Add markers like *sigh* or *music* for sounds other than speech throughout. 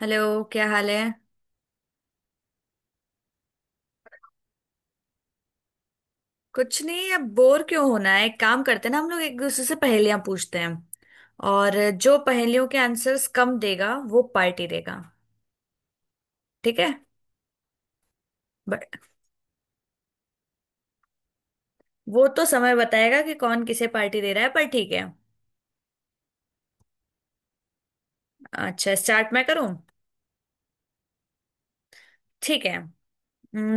Hello. क्या हाल है? कुछ नहीं, अब बोर क्यों होना है। एक काम करते हैं ना, हम लोग एक दूसरे से पहेलियां पूछते हैं। और जो पहेलियों के आंसर्स कम देगा वो पार्टी देगा। ठीक है। बट वो तो समय बताएगा कि कौन किसे पार्टी दे रहा है, पर ठीक है। अच्छा स्टार्ट मैं करूं? ठीक है।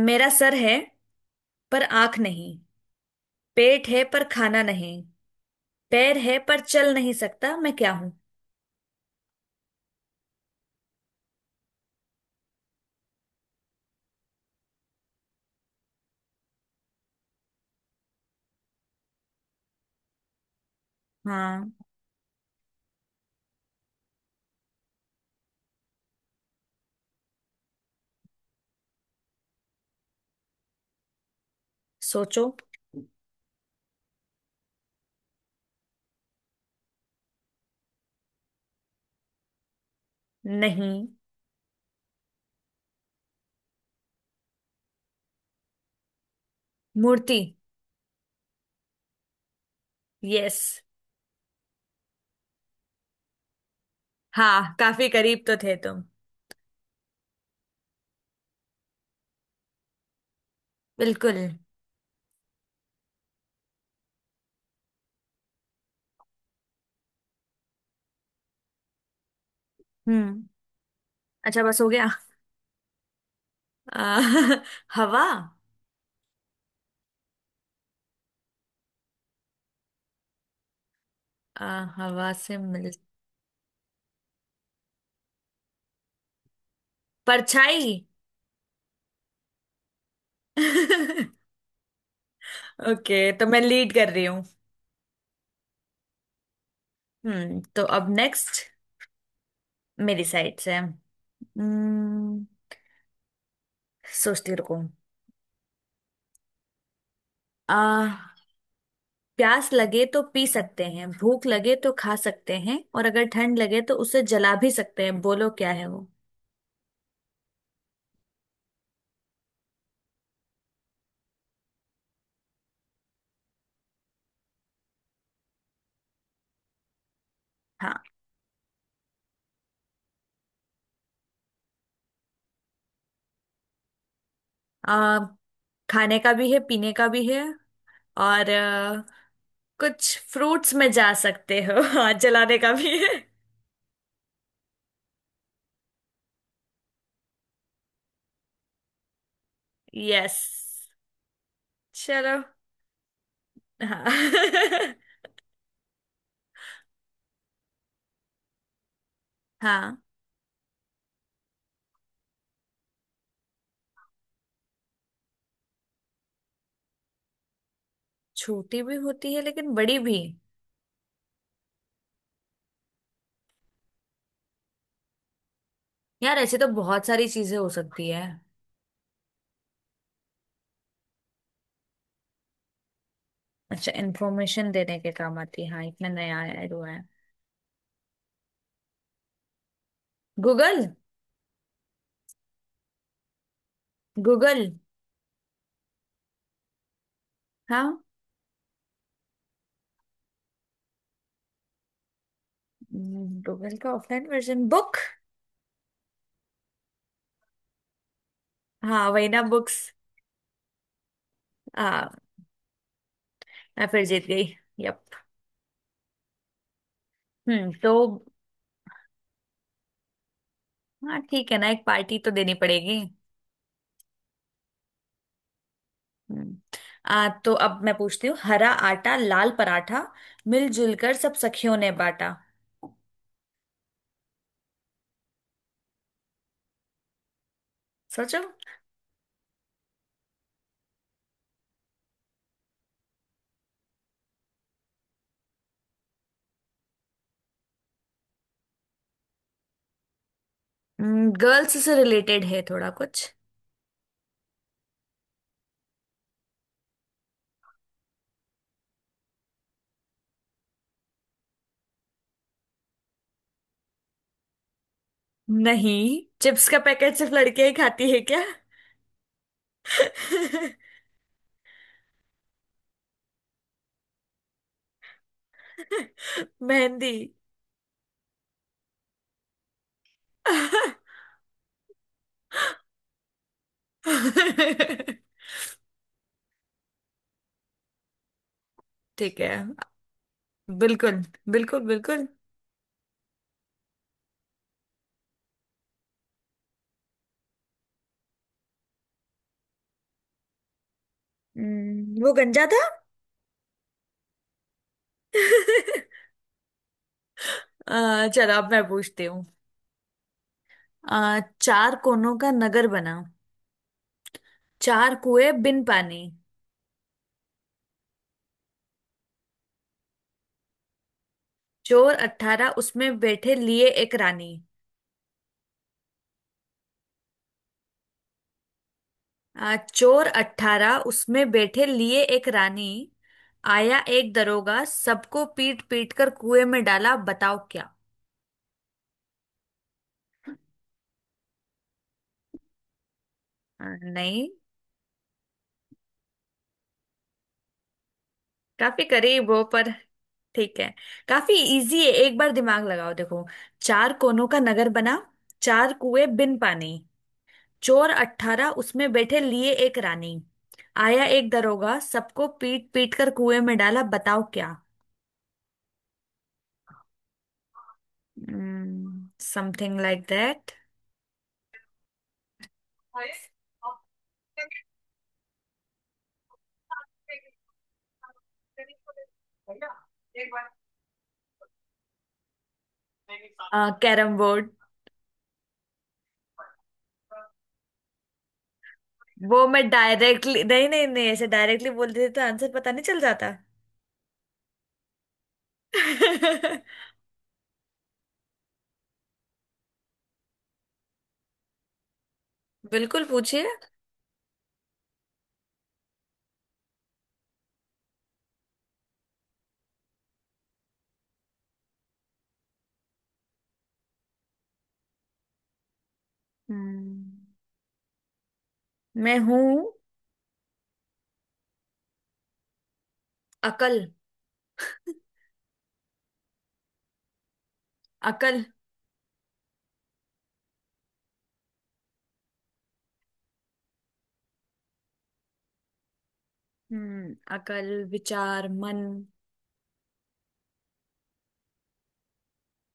मेरा सर है पर आंख नहीं। पेट है पर खाना नहीं। पैर है पर चल नहीं सकता, मैं क्या हूं? हाँ। सोचो। नहीं। मूर्ति। यस। हाँ, काफी करीब तो थे तुम। बिल्कुल। हम्म। अच्छा बस हो गया। आ, *laughs* हवा। हवा से मिल। परछाई। *laughs* ओके, तो मैं लीड कर रही हूँ। हम्म, तो अब नेक्स्ट। मेरी साइड से। हम्म। सोचती, रुको। आ, प्यास लगे तो पी सकते हैं, भूख लगे तो खा सकते हैं, और अगर ठंड लगे तो उसे जला भी सकते हैं। बोलो क्या है वो? हाँ। आ, खाने का भी है, पीने का भी है। और कुछ फ्रूट्स में जा सकते हो। *laughs* हाथ जलाने का भी है। यस। चलो। हाँ। *laughs* हाँ, छोटी भी होती है लेकिन बड़ी भी। यार, ऐसे तो बहुत सारी चीजें हो सकती है। अच्छा, इंफॉर्मेशन देने के काम आती है, हाँ इतना नया आया हुआ है। गूगल। गूगल। हाँ। गूगल का ऑफलाइन वर्जन बुक। हाँ वही ना, बुक्स। हाँ। मैं फिर जीत गई। यप। हम्म, तो हाँ ठीक है ना, एक पार्टी तो देनी पड़ेगी। हम्म। आ तो अब मैं पूछती हूँ, हरा आटा लाल पराठा, मिलजुल कर सब सखियों ने बांटा। सोचो। गर्ल्स से रिलेटेड है थोड़ा कुछ। नहीं, चिप्स का पैकेट सिर्फ लड़कियां ही खाती है क्या? *laughs* मेहंदी। ठीक है। बिल्कुल, बिल्कुल, बिल्कुल। वो गंजा था। *laughs* चलो अब मैं पूछती हूँ। चार कोनों का नगर बना, चार कुएं बिन पानी। चोर अट्ठारह उसमें बैठे, लिए एक रानी। चोर अट्ठारह उसमें बैठे, लिए एक रानी। आया एक दरोगा, सबको पीट पीट कर कुएं में डाला। बताओ क्या? नहीं। काफी करीब हो, पर ठीक है। काफी इजी है, एक बार दिमाग लगाओ देखो। चार कोनों का नगर बना, चार कुएं बिन पानी। चोर अट्ठारह उसमें बैठे, लिए एक रानी। आया एक दरोगा, सबको पीट पीट कर कुएं में डाला। बताओ क्या? Something like that. Carrom board. वो मैं डायरेक्टली नहीं नहीं नहीं ऐसे डायरेक्टली बोल देते तो आंसर पता नहीं चल जाता? *laughs* बिल्कुल पूछिए। हम्म, मैं हूँ। अकल। अकल। हम्म, अकल, विचार, मन।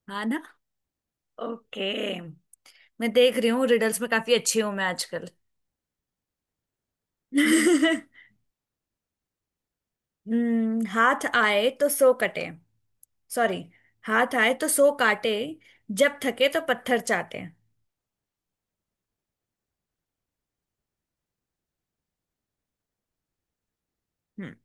हाँ ना। ओके। मैं देख रही हूँ, रिडल्स में काफी अच्छी हूँ मैं आजकल। *laughs* हम्म, हाथ आए तो सो कटे। सॉरी, हाथ आए तो सो काटे, जब थके तो पत्थर चाटे। हम्म।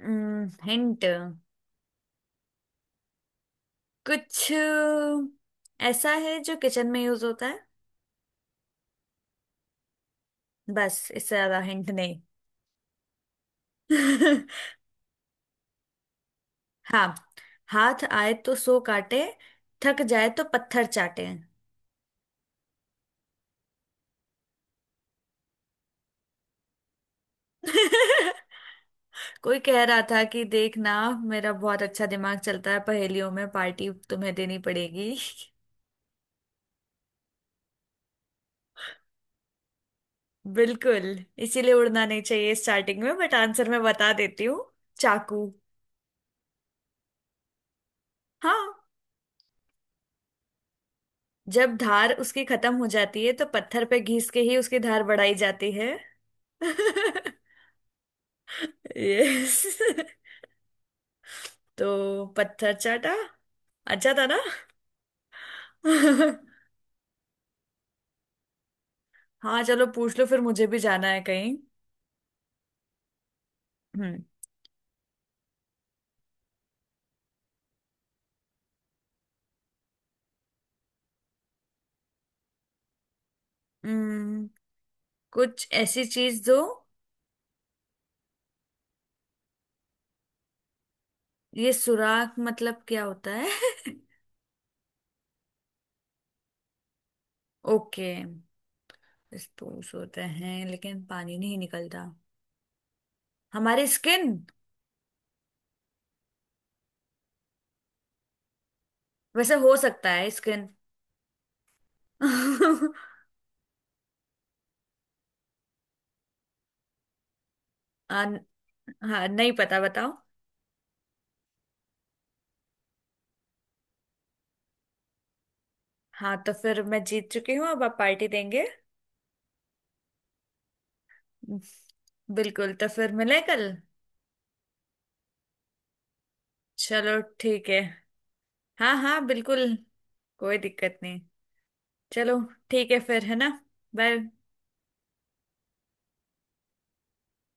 हिंट। कुछ ऐसा है जो किचन में यूज होता है। बस, इससे ज्यादा हिंट नहीं। *laughs* हाँ, हाथ आए तो सो काटे, थक जाए तो पत्थर चाटे। *laughs* कोई कह रहा था कि देखना मेरा बहुत अच्छा दिमाग चलता है पहेलियों में, पार्टी तुम्हें देनी पड़ेगी। बिल्कुल। इसीलिए उड़ना नहीं चाहिए स्टार्टिंग में, बट आंसर मैं बता देती हूँ। चाकू। हाँ, जब धार उसकी खत्म हो जाती है तो पत्थर पे घिस के ही उसकी धार बढ़ाई जाती है। *laughs* यस, तो पत्थर चाटा। अच्छा था ना। *laughs* हाँ, चलो पूछ लो, फिर मुझे भी जाना है कहीं। हम्म। हम्म, कुछ ऐसी चीज दो। ये सुराख मतलब क्या होता है? *laughs* ओके। स्पूस होते हैं लेकिन पानी नहीं निकलता। हमारी स्किन। वैसे हो सकता है स्किन। *laughs* हाँ नहीं पता, बताओ। हाँ, तो फिर मैं जीत चुकी हूँ, अब आप पार्टी देंगे। बिल्कुल, तो फिर मिले कल। चलो ठीक है। हाँ हाँ बिल्कुल। कोई दिक्कत नहीं। चलो। ठीक है फिर, है ना? बाय।